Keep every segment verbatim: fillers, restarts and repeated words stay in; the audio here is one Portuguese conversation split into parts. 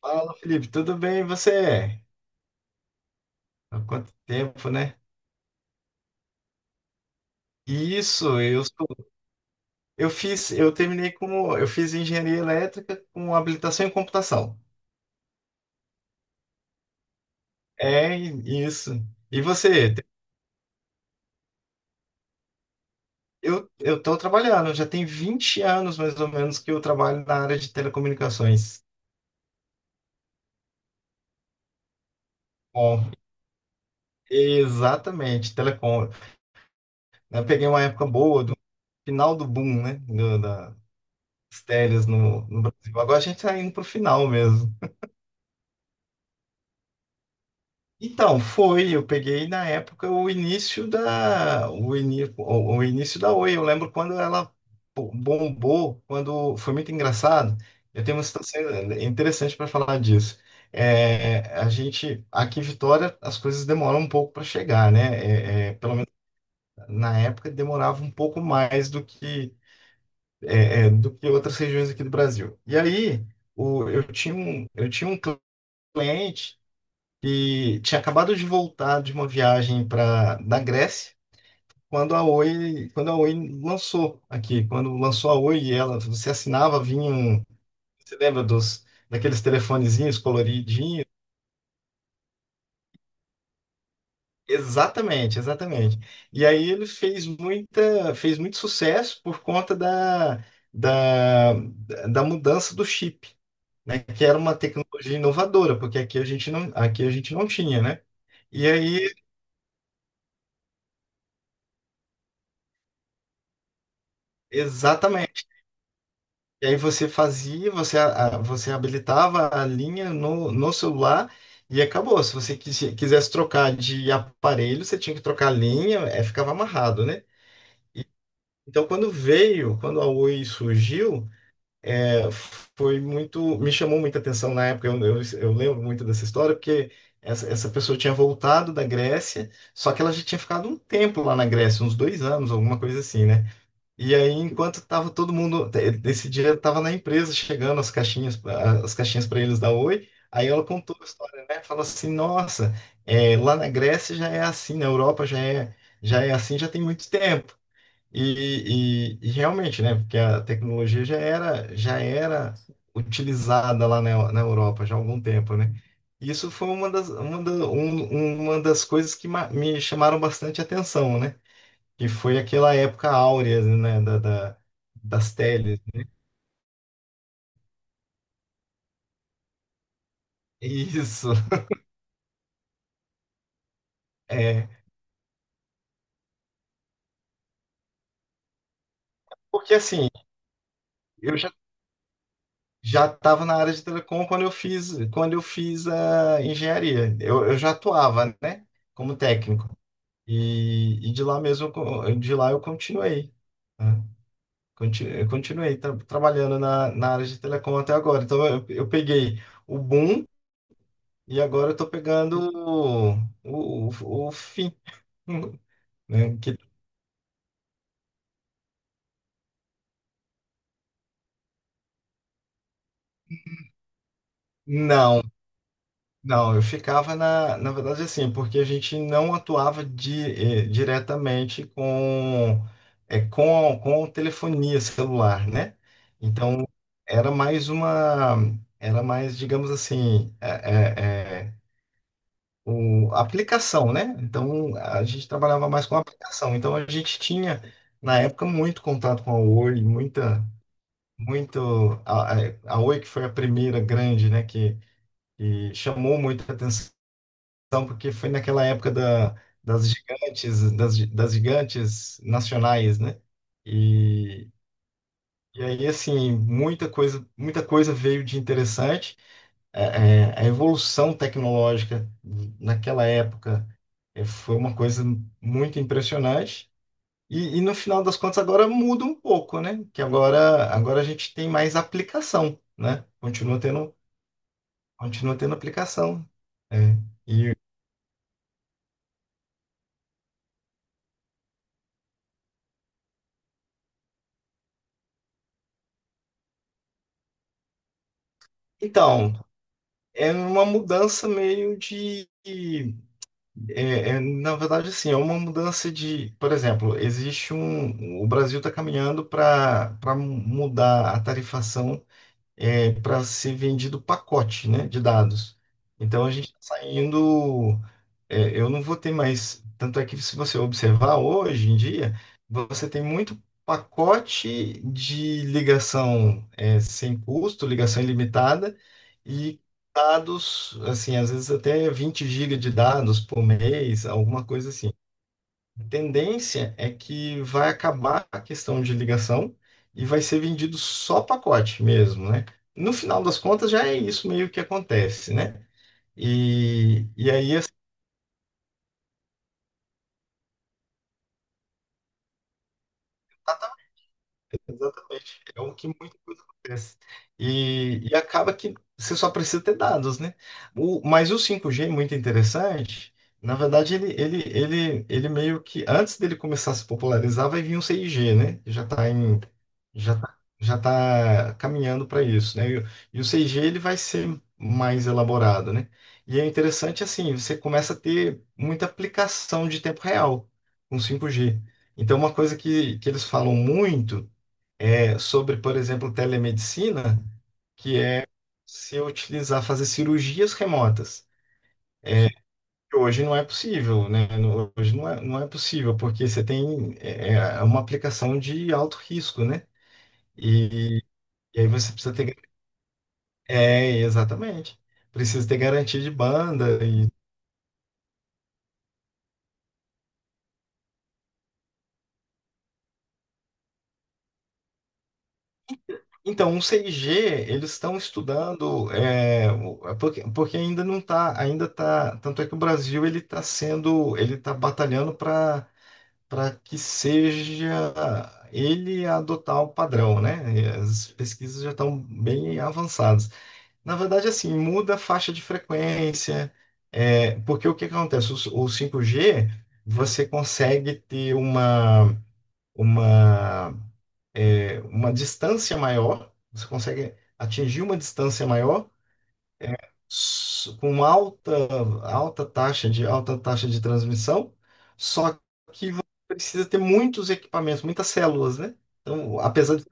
Fala, Felipe, tudo bem? E você? Há quanto tempo, né? Isso, eu sou- eu fiz, eu terminei como, eu fiz engenharia elétrica com habilitação em computação. É isso. E você? Eu eu estou trabalhando, já tem vinte anos mais ou menos que eu trabalho na área de telecomunicações. Bom, exatamente, telecom. Eu peguei uma época boa do final do boom, né, do- das teles no, no Brasil. Agora a gente tá indo pro final mesmo. Então, foi, eu peguei na época o início da o, ini, o, o início da Oi. Eu lembro quando ela bo- bombou, quando foi muito engraçado. Eu tenho uma situação interessante para falar disso. É, a gente aqui em Vitória as coisas demoram um pouco para chegar, né? É, é, pelo menos na época demorava um pouco mais do que é, é, do que outras regiões aqui do Brasil. E aí o, eu tinha um eu tinha um cliente que tinha acabado de voltar de uma viagem para da Grécia quando a Oi, quando a Oi lançou aqui, quando lançou a Oi, e ela você assinava, vinha um, você lembra dos daqueles telefonezinhos coloridinhos? Exatamente, exatamente. E aí ele fez muita, fez muito sucesso por conta da, da, da mudança do chip, né? Que era uma tecnologia inovadora, porque aqui a gente não, aqui a gente não tinha, né? E aí, exatamente. E aí você fazia, você, a- a- você habilitava a linha no, no celular e acabou. Se você quis- quisesse trocar de aparelho, você tinha que trocar a linha, é, ficava amarrado, né? Então, quando veio, quando a Oi surgiu, é, foi muito, me chamou muita atenção na época. Eu, eu, eu lembro muito dessa história, porque essa, essa pessoa tinha voltado da Grécia, só que ela já tinha ficado um tempo lá na Grécia, uns dois anos, alguma coisa assim, né? E aí, enquanto tava todo mundo, esse dia tava na empresa chegando as caixinhas, as caixinhas para eles da Oi. Aí ela contou a história, né? Falou assim: "Nossa, é, lá na Grécia já é assim, na Europa já é, já é assim, já tem muito tempo". E, e, e realmente, né? Porque a tecnologia já era, já era utilizada lá na, na Europa já há algum tempo, né? Isso foi uma das, uma da- um- uma das coisas que ma- me chamaram bastante atenção, né? Que foi aquela época áurea, né, da, da- das teles. Isso, é. Porque assim, eu já já estava na área de telecom quando eu fiz, quando eu fiz a engenharia. Eu, eu já atuava, né, como técnico. E, e de lá mesmo, eu co- de lá eu continuei, né? Conti- Eu continuei tra- trabalhando na, na área de telecom até agora. Então eu, eu peguei o boom e agora eu estou pegando o, o, o fim, né? Que, não, não, eu ficava na, na verdade assim, porque a gente não atuava di, eh, diretamente com, eh, com, com telefonia celular, né? Então era mais uma, era mais, digamos assim, eh, eh, eh, o, a aplicação, né? Então a gente trabalhava mais com aplicação. Então a gente tinha, na época, muito contato com a Oi, muita, muito, a, a a Oi que foi a primeira grande, né, que, que chamou muita atenção então, porque foi naquela época da, das gigantes, das, gi- das gigantes nacionais, né? E, e aí, assim, muita coisa, muita coisa veio de interessante. É, é, a evolução tecnológica naquela época é, foi uma coisa muito impressionante. E, e no final das contas agora muda um pouco, né? Que agora, agora a gente tem mais aplicação, né? Continua tendo, continua tendo aplicação. É. E, então, é uma mudança meio de. É, é, na verdade, assim, é uma mudança de. Por exemplo, existe um. O Brasil está caminhando para para mudar a tarifação para ser vendido pacote, né, de dados. Então a gente está saindo. É, eu não vou ter mais. Tanto é que se você observar hoje em dia, você tem muito pacote de ligação, é, sem custo, ligação ilimitada e dados, assim, às vezes até vinte gigas de dados por mês, alguma coisa assim. A tendência é que vai acabar a questão de ligação e vai ser vendido só pacote mesmo, né? No final das contas, já é isso meio que acontece, né? E, e aí exatamente. É o que muita coisa acontece. E, e acaba que você só precisa ter dados, né? O, mas o cinco G é muito interessante. Na verdade, ele, ele, ele, ele meio que, antes dele começar a se popularizar, vai vir um seis G, né? Já está em, já tá, já tá caminhando para isso, né? E, o- e o seis G ele vai ser mais elaborado, né? E é interessante assim, você começa a ter muita aplicação de tempo real com cinco G. Então, uma coisa que, que eles falam muito, é, sobre, por exemplo, telemedicina, que é se utilizar, fazer cirurgias remotas. É, Hoje não é possível, né? No- Hoje não é, não é possível, porque você tem, é, é uma aplicação de alto risco, né? E, e aí você precisa ter. É, exatamente. Precisa ter garantia de banda. E. Então, o seis G, eles estão estudando, é, o- é porque, porque ainda não está, ainda tá, tanto é que o Brasil ele está sendo, ele está batalhando para para que seja ele adotar o padrão, né? E as pesquisas já estão bem avançadas. Na verdade, assim, muda a faixa de frequência, é, porque o que que acontece? O, o cinco G, você consegue ter uma, uma, é, uma distância maior, você consegue atingir uma distância maior, s- com alta, alta taxa de alta taxa de transmissão, só que você precisa ter muitos equipamentos, muitas células, né? Então, apesar de,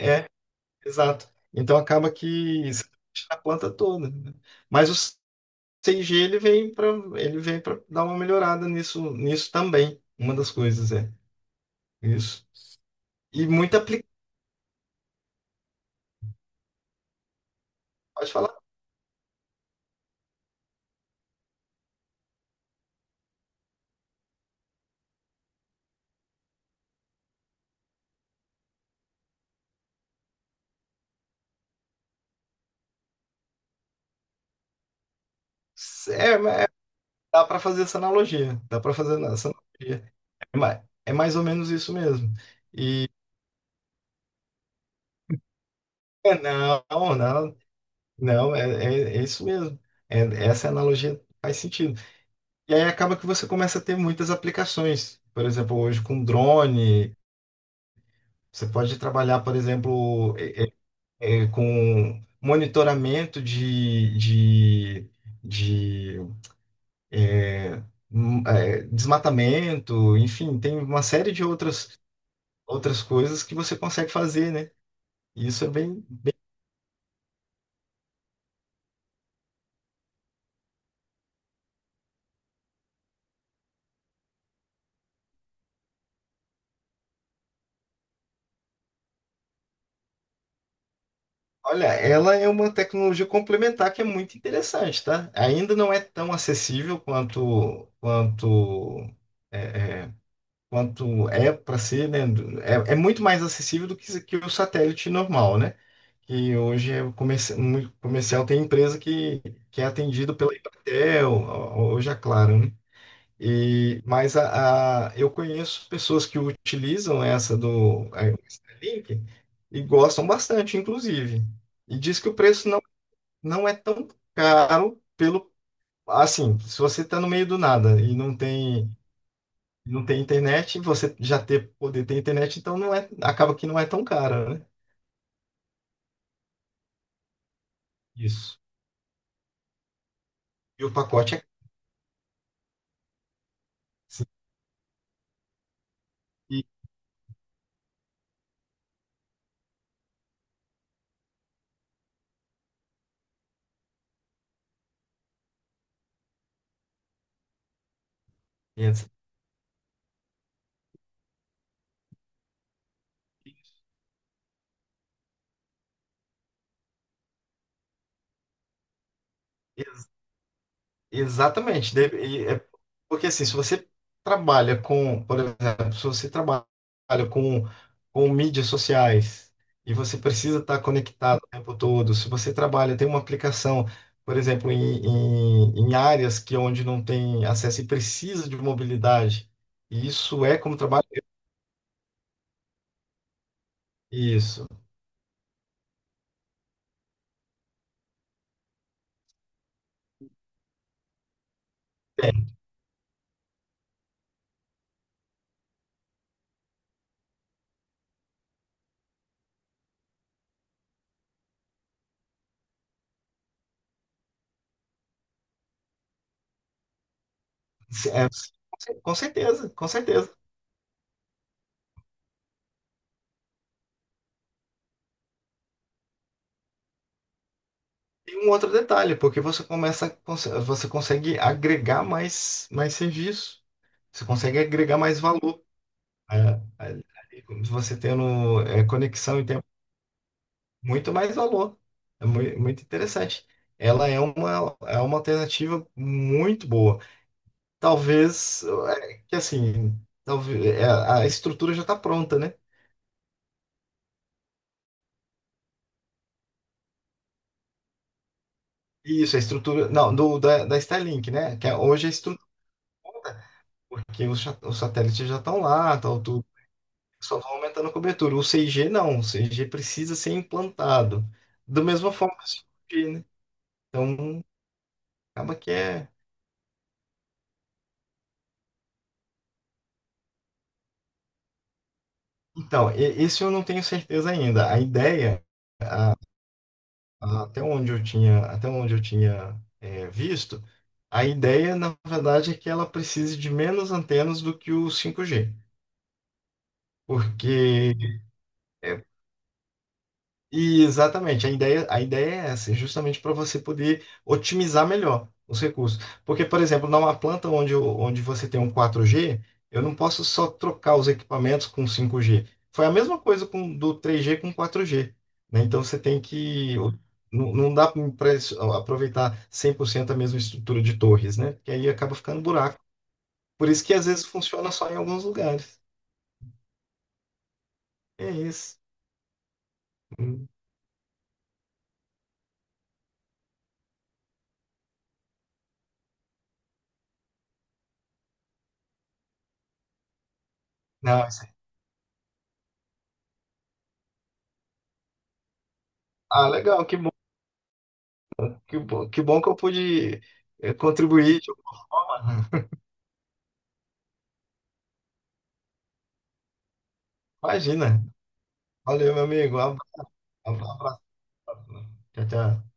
é, exato. Então acaba que você mexe na planta toda, né? Mas o cinco G ele vem para ele vem para dar uma melhorada nisso nisso também. Uma das coisas é isso. E muito aplicado. Pode falar. É, mas é, dá para fazer essa analogia, dá para fazer essa analogia. É mais é mais ou menos isso mesmo. É. Não, não, não, é, é- é isso mesmo. É- Essa analogia faz sentido. E aí acaba que você começa a ter muitas aplicações. Por exemplo, hoje com drone, você pode trabalhar, por exemplo, é, é, é, com monitoramento de, de, de, é, hum, é, desmatamento, enfim, tem uma série de outras, outras coisas que você consegue fazer, né? E isso é bem. Olha, ela é uma tecnologia complementar que é muito interessante, tá? Ainda não é tão acessível quanto quanto é, é, quanto é para ser, né? do- É, é muito mais acessível do que, que o satélite normal, né? Que hoje é o comerci- muito comercial, tem empresa que, que é atendido pela Embratel, ho- hoje é claro, né? E, mas a, a- eu conheço pessoas que utilizam essa do a Starlink e gostam bastante, inclusive. E diz que o preço não é tão caro, pelo assim, se você está no meio do nada e não tem não tem internet, você já ter poder ter internet, então não é acaba que não é tão caro, né? Isso. E o pacote é cinco mil e quinhentos. Exatamente. De- e é- porque assim, se você trabalha com, por exemplo, se você trabalha com, com mídias sociais e você precisa estar conectado o tempo todo, se você trabalha, tem uma aplicação, por exemplo, em, em, em áreas que onde não tem acesso e precisa de mobilidade, e isso é como trabalho. Isso. É, é, com certeza, com certeza. E um outro detalhe, porque você começa, a cons- você consegue agregar mais, mais serviço. Você consegue agregar mais valor. a- Ali, como se você tendo, é, conexão e tempo, muito mais valor. É mui- muito interessante. Ela é uma, é uma alternativa muito boa. Talvez, é, que assim, talvez, é, a estrutura já está pronta, né? Isso, a estrutura. Não, do, da, da Starlink, né? Que é- hoje a estrutura, porque os, cha- os satélites já estão lá, tal, tudo. Só vão aumentando a cobertura. O seis G não, o seis G precisa ser implantado. Da mesma forma que o cinco G, né? Então, acaba que é. Então, e- esse eu não tenho certeza ainda. A ideia, até onde eu tinha, até onde eu tinha, é, visto, a ideia, na verdade, é que ela precise de menos antenas do que o cinco g. Porque é, e exatamente, a ideia, a ideia, é essa, é justamente para você poder otimizar melhor os recursos. Porque, por exemplo, numa planta onde, eu- onde você tem um quatro G, eu não posso só trocar os equipamentos com cinco G. Foi a mesma coisa com, do três G com quatro G, né? Então você tem que. Não, não dá para aproveitar cem por cento a mesma estrutura de torres, né? Porque aí acaba ficando buraco. Por isso que às vezes funciona só em alguns lugares. É isso. Hum. Não, isso- é, ah, legal, que bom. Que bom, que bom que eu pude eh, contribuir de alguma forma, né? Imagina. Valeu, meu amigo. Um abra- um abraço. Tchau, tchau.